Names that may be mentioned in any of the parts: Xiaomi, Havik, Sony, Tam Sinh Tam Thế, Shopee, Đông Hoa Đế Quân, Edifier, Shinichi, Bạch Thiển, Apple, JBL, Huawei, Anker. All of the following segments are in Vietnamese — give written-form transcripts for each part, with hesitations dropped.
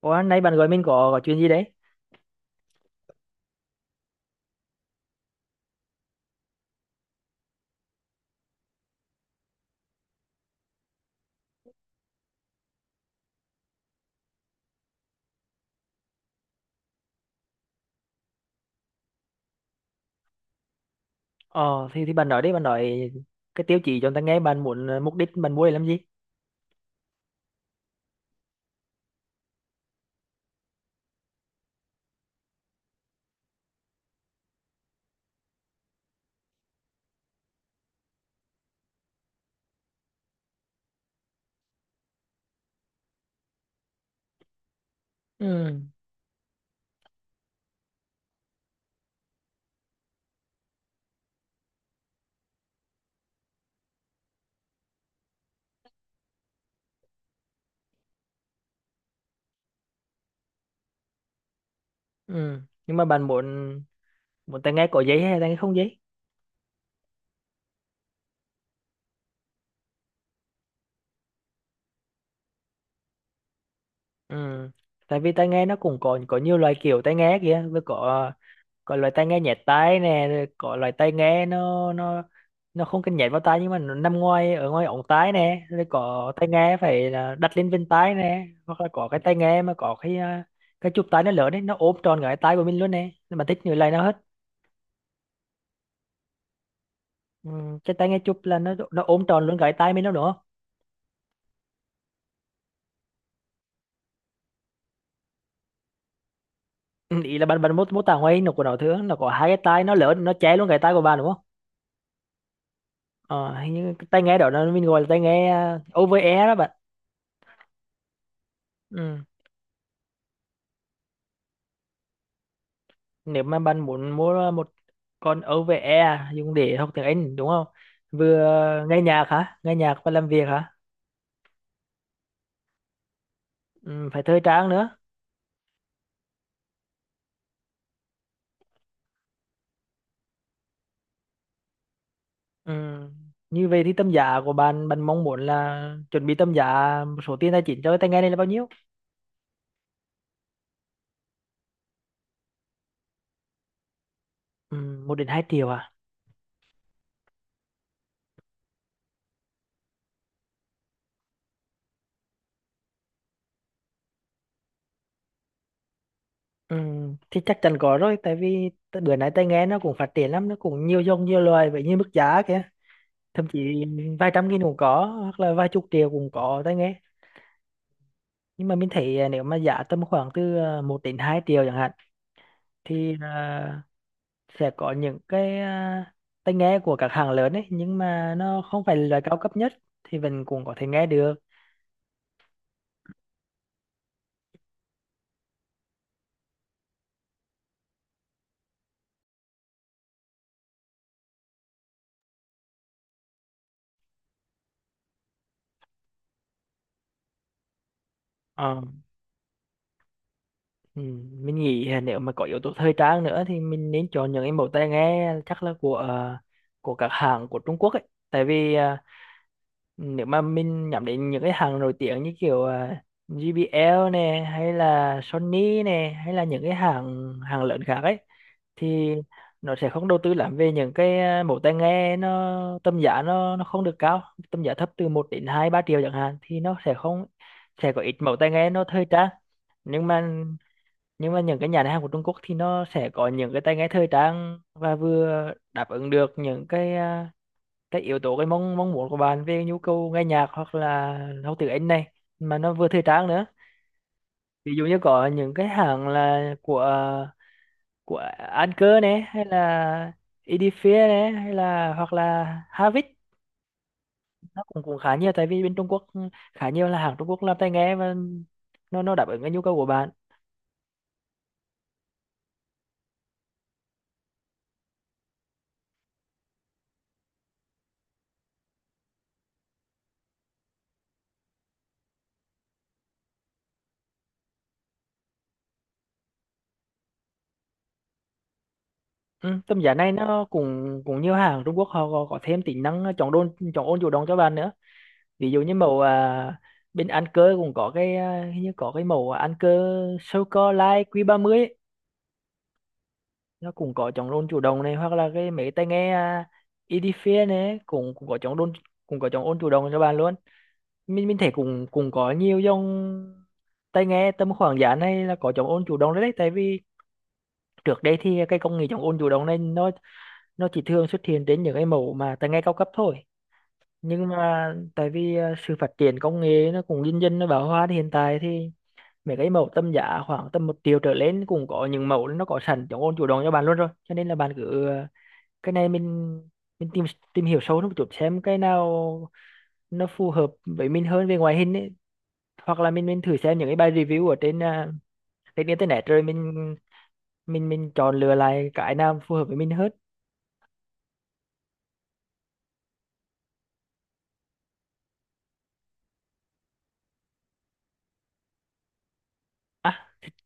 Ủa, nãy bạn gọi mình có chuyện gì đấy? Thì bạn nói đi, bạn nói cái tiêu chí cho người ta nghe, bạn muốn mục đích bạn mua để làm gì? Ừ, ừ. Nhưng mà bạn muốn muốn tai nghe có giấy hay tai nghe không giấy? Ừ. Tại vì tai nghe nó cũng có nhiều loại kiểu tai nghe kìa, vừa có loại tai nghe nhẹ tai nè, rồi có loại tai nghe nó không cần nhét vào tai nhưng mà nó nằm ngoài ở ngoài ống tai nè, rồi có tai nghe phải là đặt lên bên tai nè, hoặc là có cái tai nghe mà có cái chụp tai nó lớn đấy, nó ôm tròn cái tai của mình luôn nè. Nhưng mà thích như này nó hết. Ừ, cái tai nghe chụp là nó ôm tròn luôn cái tai mình đó đúng không? Ừ, ý là bạn bạn mô mô tả ngoài nó của nó thường nó có hai cái tai nó lớn nó che luôn cái tai của bạn đúng không? Ờ, hình như cái tai nghe đó nó mình gọi là tai nghe over ear đó bạn. Ừ, nếu mà bạn muốn mua một con OVE dùng để học tiếng Anh đúng không, vừa nghe nhạc hả, nghe nhạc và làm việc hả? Ừ, phải thời trang nữa. Ừ. Như vậy thì tầm giá của bạn bạn mong muốn là chuẩn bị tầm giá, một số tiền tài chính cho cái tai nghe này là bao nhiêu? Ừ, 1 đến 2 triệu à? Ừ, thì chắc chắn có rồi, tại vì bữa nay tai nghe nó cũng phát triển lắm, nó cũng nhiều dòng nhiều loài vậy như mức giá kìa. Thậm chí vài trăm nghìn cũng có, hoặc là vài chục triệu cũng có tai nghe. Nhưng mà mình thấy nếu mà giá tầm khoảng từ 1 đến 2 triệu chẳng hạn, thì sẽ có những tai nghe của các hãng lớn ấy, nhưng mà nó không phải là loại cao cấp nhất, thì mình cũng có thể nghe được. Ờ, ừ, mình nghĩ nếu mà có yếu tố thời trang nữa thì mình nên chọn những cái mẫu tai nghe, chắc là của các hãng của Trung Quốc ấy, tại vì nếu mà mình nhắm đến những cái hàng nổi tiếng như kiểu JBL nè, hay là Sony nè, hay là những cái hàng hàng lớn khác ấy, thì nó sẽ không đầu tư lắm về những mẫu tai nghe, nó tầm giá nó không được cao. Tầm giá thấp từ 1 đến 2-3 triệu chẳng hạn thì nó sẽ không, sẽ có ít mẫu tai nghe nó thời trang. Nhưng mà nhưng mà những cái nhà hàng của Trung Quốc thì nó sẽ có những cái tai nghe thời trang, và vừa đáp ứng được những cái yếu tố cái mong mong muốn của bạn về nhu cầu nghe nhạc hoặc là học tiếng Anh này, mà nó vừa thời trang nữa. Ví dụ như có những cái hãng là của Anker này, hay là Edifier này, hay là hoặc là Havik, nó cũng cũng khá nhiều, tại vì bên Trung Quốc khá nhiều là hàng Trung Quốc làm tai nghe, và nó đáp ứng cái nhu cầu của bạn. Ừ, tầm giá này nó cũng cũng nhiều hàng Trung Quốc họ có thêm tính năng chọn đôn chọn ôn chủ động cho bạn nữa. Ví dụ như màu bên ăn cơ cũng có hình như có cái màu ăn cơ sô cô la Q30 ấy. Nó cũng có chống ôn chủ động này, hoặc là cái mấy tai nghe Edifier này cũng cũng có chống ôn, cũng có chống ôn chủ động cho bạn luôn. Mình thấy cũng cũng có nhiều dòng tai nghe tầm khoảng giá này là có chống ôn chủ động đấy, đấy tại vì trước đây thì cái công nghệ chống ôn chủ động này nó chỉ thường xuất hiện đến những cái mẫu mà tai nghe cao cấp thôi, nhưng mà tại vì sự phát triển công nghệ nó cũng dần dần nó bão hòa, thì hiện tại thì mấy cái mẫu tầm giá khoảng tầm 1 triệu trở lên cũng có những mẫu nó có sẵn chống ôn chủ động cho bạn luôn rồi, cho nên là bạn cứ cái này mình tìm tìm hiểu sâu hơn một chút xem cái nào nó phù hợp với mình hơn về ngoại hình ấy, hoặc là mình thử xem những cái bài review ở trên trên internet rồi mình chọn lựa lại cái nào phù hợp với mình hơn. À,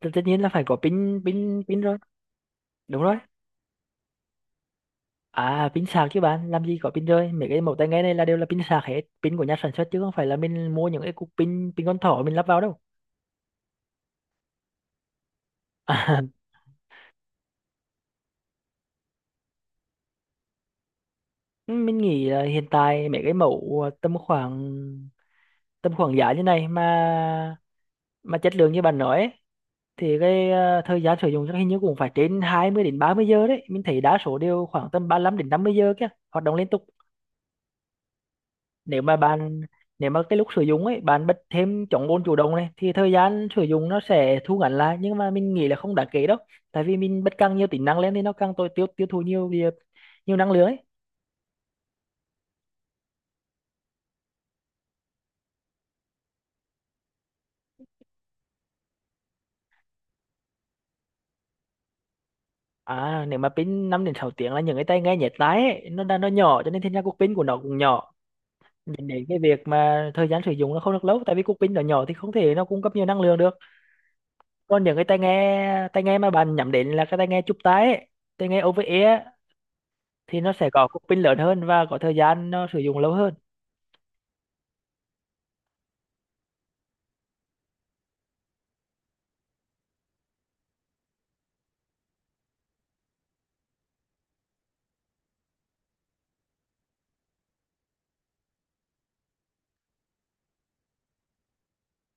tất tất nhiên là phải có pin, pin rồi. Đúng rồi. À, pin sạc chứ, bạn làm gì có pin rơi, mấy cái mẫu tai nghe này là đều là pin sạc hết, pin của nhà sản xuất chứ không phải là mình mua những cái cục pin pin con thỏ mình lắp vào đâu. à, mình nghĩ là hiện tại mấy cái mẫu tầm khoảng, tầm khoảng giá như này mà chất lượng như bạn nói ấy, thì thời gian sử dụng chắc hình như cũng phải trên 20 đến 30 giờ đấy, mình thấy đa số đều khoảng tầm 35 đến 50 giờ kia, hoạt động liên tục. Nếu mà bạn, nếu mà cái lúc sử dụng ấy bạn bật thêm chống bồn chủ động này thì thời gian sử dụng nó sẽ thu ngắn lại, nhưng mà mình nghĩ là không đáng kể đâu, tại vì mình bật càng nhiều tính năng lên thì nó càng tối tiêu tiêu thụ nhiều nhiều nhiều năng lượng ấy. À, nếu mà pin 5 đến 6 tiếng là những cái tai nghe nhét tai ấy, nó nó nhỏ cho nên thành ra cục pin của nó cũng nhỏ, dẫn đến cái việc mà thời gian sử dụng nó không được lâu, tại vì cục pin nó nhỏ thì không thể nó cung cấp nhiều năng lượng được. Còn những cái tai nghe mà bạn nhắm đến là cái tai nghe chụp tai ấy, tai nghe over ear, thì nó sẽ có cục pin lớn hơn và có thời gian nó sử dụng lâu hơn.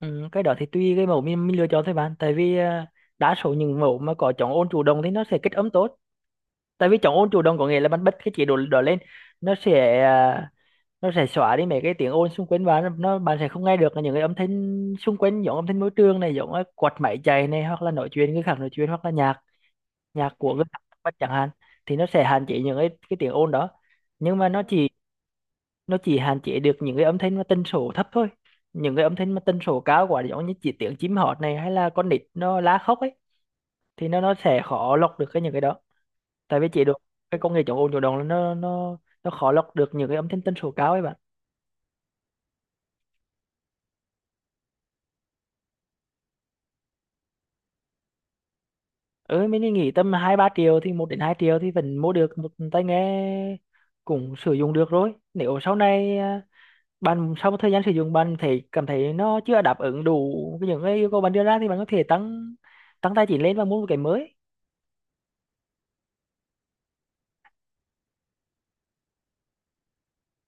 Ừ, cái đó thì tùy cái mẫu mình lựa chọn thôi bạn, tại vì đa số những mẫu mà có chống ôn chủ động thì nó sẽ kết ấm tốt, tại vì chống ôn chủ động có nghĩa là bạn bật cái chế độ đó lên, nó sẽ nó sẽ xóa đi mấy cái tiếng ồn xung quanh bạn, nó bạn sẽ không nghe được những cái âm thanh xung quanh, giống âm thanh môi trường này, giống cái quạt máy chạy này, hoặc là nói chuyện, người khác nói chuyện, hoặc là nhạc, nhạc của người khác chẳng hạn, thì nó sẽ hạn chế những cái tiếng ồn đó. Nhưng mà nó chỉ, nó chỉ hạn chế được những cái âm thanh mà tần số thấp thôi. Những cái âm thanh mà tần số cao quá giống như chỉ tiếng chim hót này, hay là con nít nó la khóc ấy, thì nó sẽ khó lọc được cái những cái đó, tại vì chế được cái công nghệ chống ồn chủ động là nó khó lọc được những cái âm thanh tần số cao ấy bạn. Ừ, mình đi nghỉ tầm 2-3 triệu, thì 1 đến 2 triệu thì vẫn mua được một tai nghe cũng sử dụng được rồi, nếu sau này bạn sau một thời gian sử dụng bạn thấy cảm thấy nó chưa đáp ứng đủ cái những cái yêu cầu bạn đưa ra, thì bạn có thể tăng, tăng tài chính lên và mua một cái mới.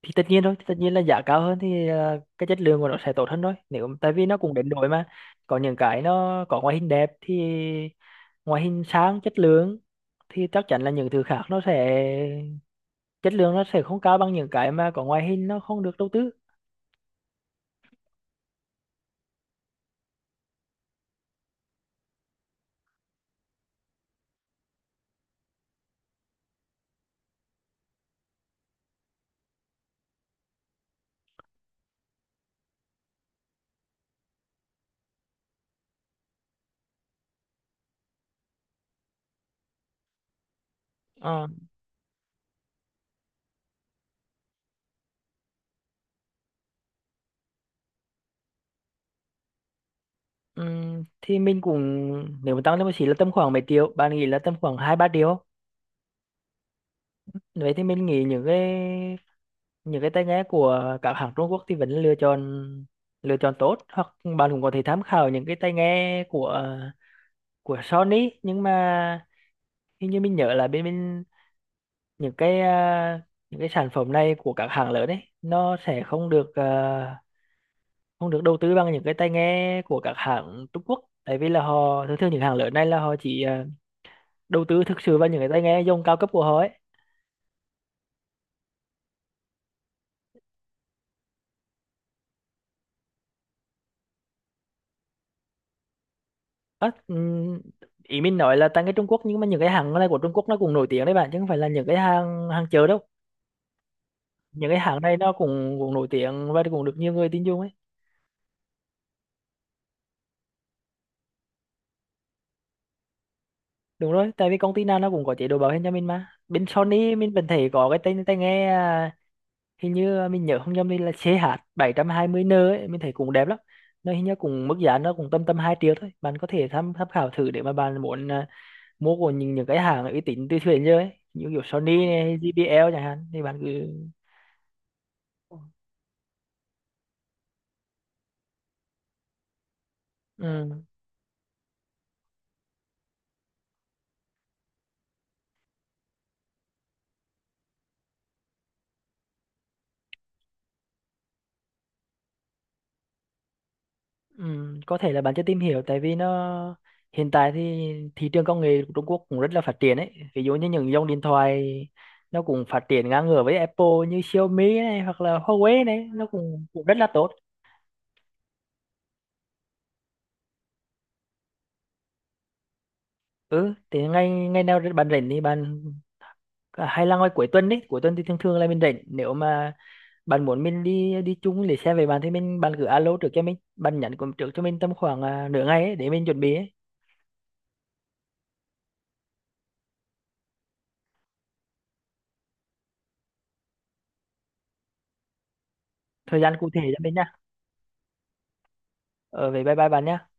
Thì tất nhiên rồi, tất nhiên là giá cao hơn thì cái chất lượng của nó sẽ tốt hơn thôi, nếu tại vì nó cũng đến đổi mà. Có những cái nó có ngoại hình đẹp thì, ngoại hình sáng chất lượng thì chắc chắn là những thứ khác nó sẽ, chất lượng nó sẽ không cao bằng những cái mà có ngoại hình nó không được đầu tư. Ờ, thì mình cũng, nếu mà tăng lên một xí là tầm khoảng mấy triệu bạn nghĩ là tầm khoảng 2-3 triệu, vậy thì mình nghĩ những cái tai nghe của các hãng Trung Quốc thì vẫn lựa chọn, lựa chọn tốt, hoặc bạn cũng có thể tham khảo những cái tai nghe của Sony, nhưng mà hình như mình nhớ là bên bên những những cái sản phẩm này của các hãng lớn ấy nó sẽ không được không được đầu tư bằng những cái tai nghe của các hãng Trung Quốc, tại vì là họ thường thường những hãng lớn này là họ chỉ đầu tư thực sự vào những cái tai nghe dòng cao cấp của họ ấy. Á, ý mình nói là tại cái Trung Quốc, nhưng mà những cái hàng này của Trung Quốc nó cũng nổi tiếng đấy bạn, chứ không phải là những cái hàng hàng chợ đâu. Những cái hàng này nó cũng cũng nổi tiếng và cũng được nhiều người tin dùng ấy. Đúng rồi, tại vì công ty nào nó cũng có chế độ bảo hiểm cho mình mà. Bên Sony mình vẫn thấy có cái tai tai nghe hình như mình nhớ không nhầm thì là xê hát bảy CH 720N ấy, mình thấy cũng đẹp lắm. Nó hình như cũng mức giá nó cũng tầm tầm 2 triệu thôi, bạn có thể tham tham khảo thử, để mà bạn muốn mua của những cái hàng uy tín từ xưa đến giờ ấy, như kiểu Sony này, JBL chẳng hạn, thì bạn cứ. Ừ, ừ, có thể là bạn chưa tìm hiểu tại vì nó, hiện tại thì thị trường công nghệ của Trung Quốc cũng rất là phát triển ấy, ví dụ như những dòng điện thoại nó cũng phát triển ngang ngửa với Apple, như Xiaomi này, hoặc là Huawei này, nó cũng cũng rất là tốt. Ừ, thì ngày, ngày nào bạn rảnh thì bạn hay là ngoài cuối tuần đấy, cuối tuần thì thường thường là mình rảnh, nếu mà bạn muốn mình đi, đi chung để xe về bạn thì mình, bạn cứ alo trước cho mình, bạn nhắn cũng trước cho mình tầm khoảng nửa ngày ấy, để mình chuẩn bị ấy. Thời gian cụ thể cho mình nha. Ờ vậy bye bye bạn nha.